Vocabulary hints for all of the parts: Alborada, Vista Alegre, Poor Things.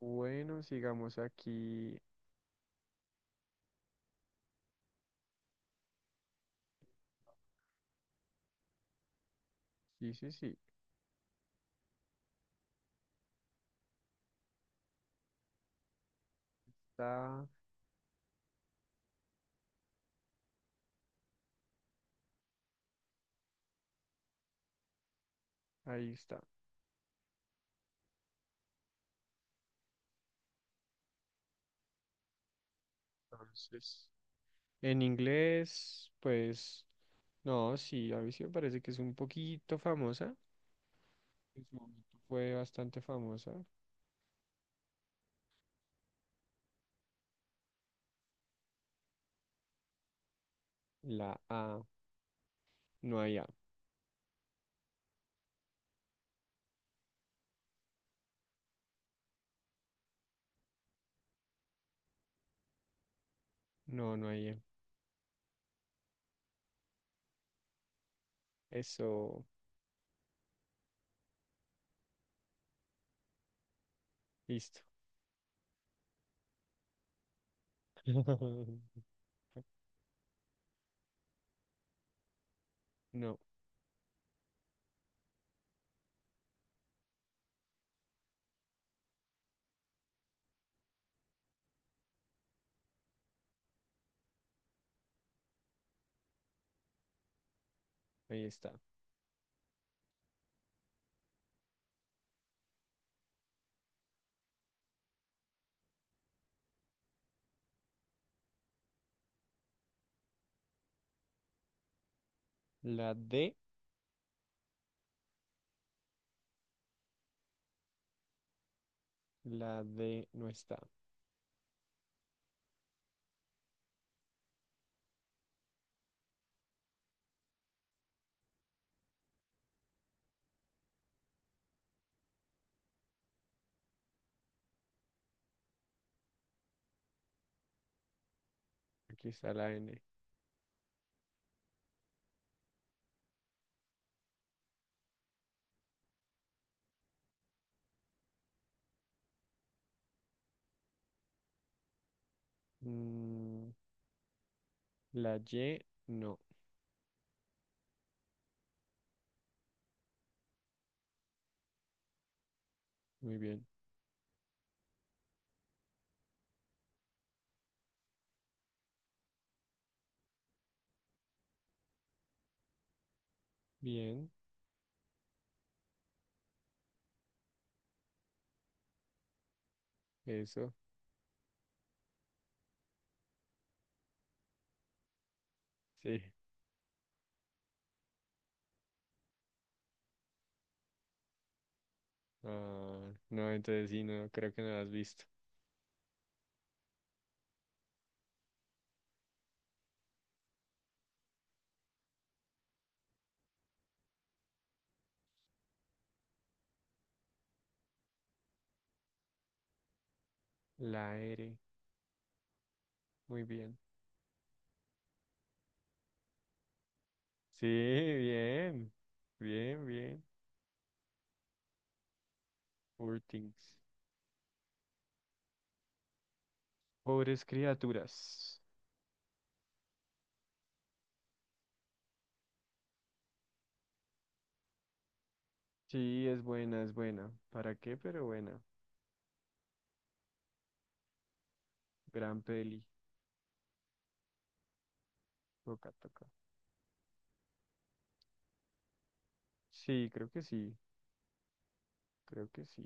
Bueno, sigamos aquí. Sí, sí, sí. Está, ahí está. Entonces, en inglés, pues, no, sí, a mí sí me parece que es un poquito famosa. En su momento fue bastante famosa. La A, no hay A. No, no hay E. Eso, listo. No, ahí está. La D, la D no está. Aquí está la N. Mm, la Y, no. Muy bien. Bien, eso. Sí. Ah, no, entonces sí, no, creo que no la has visto. La R. Muy bien. Sí, bien. Bien, bien. Poor things. Pobres criaturas. Sí, es buena, es buena. ¿Para qué? Pero buena. Gran peli. Toca, toca. Sí, creo que sí. Creo que sí.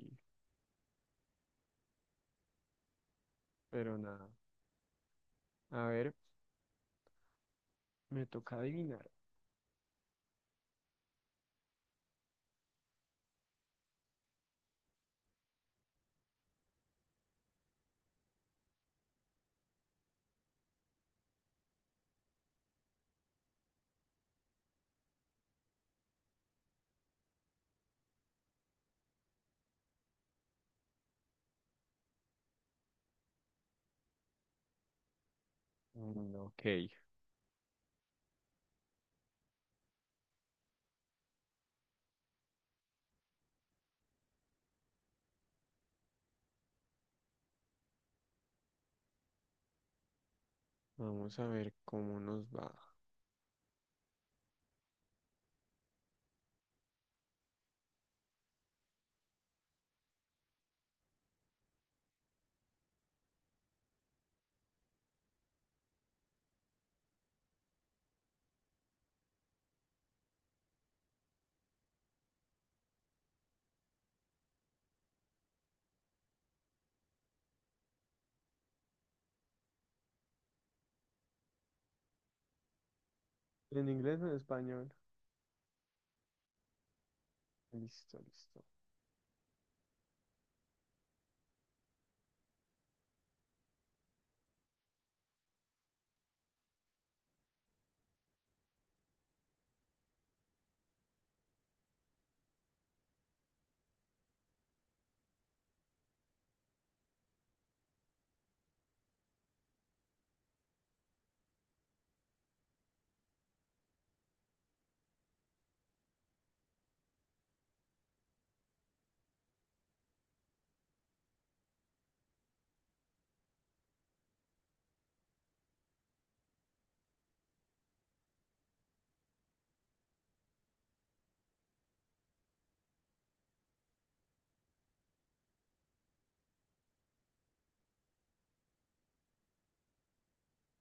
Pero nada. A ver, me toca adivinar. Mm, ok. Vamos a ver cómo nos va. ¿En inglés o en español? Listo, listo.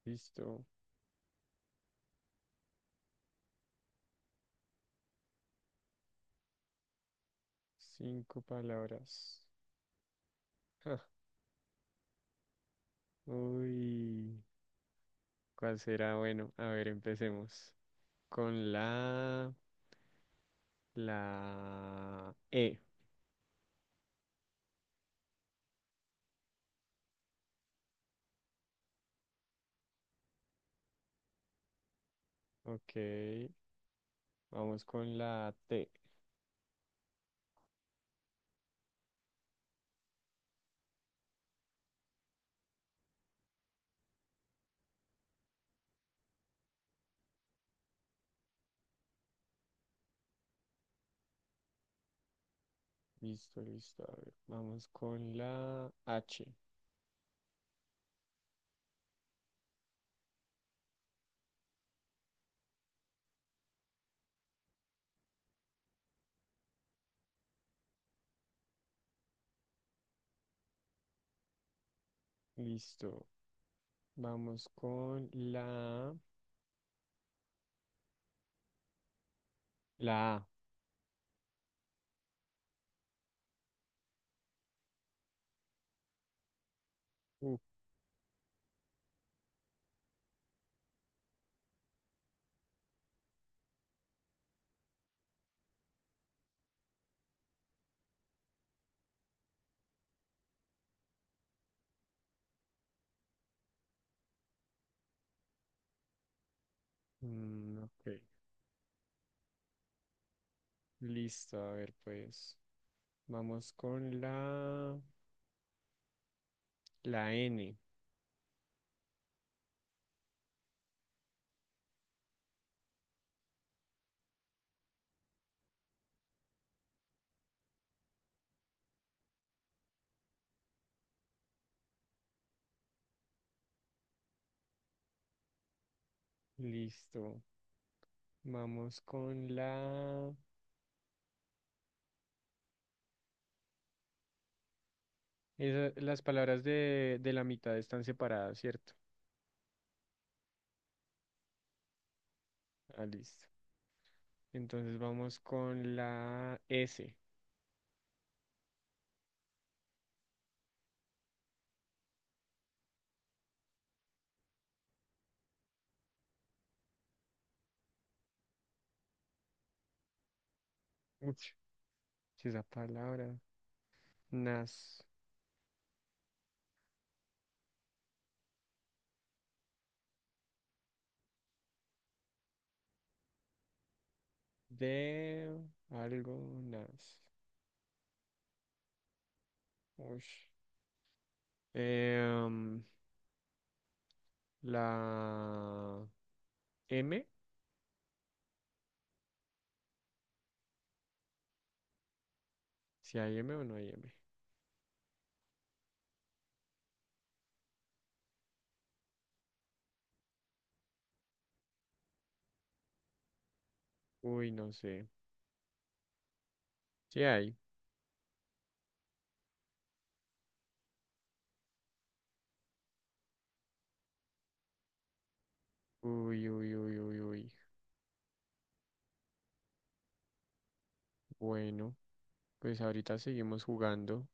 Listo. Cinco palabras. Ja, uy, ¿cuál será? Bueno, a ver, empecemos. Con la, la E. Ok, vamos con la T. Listo, listo. A ver, vamos con la H. Listo. Vamos con la, la A. Uh, mm, ok, listo. A ver, pues, vamos con la, la N. Listo. Vamos con la... las palabras de la mitad están separadas, ¿cierto? Ah, listo. Entonces vamos con la S. Uch, si esa palabra. Nas. De algo, nas. Ush. Em, la M. ¿Si hay M o no hay M? Uy, no sé. Si hay. Uy, uy, uy, uy, uy. Bueno, pues ahorita seguimos jugando.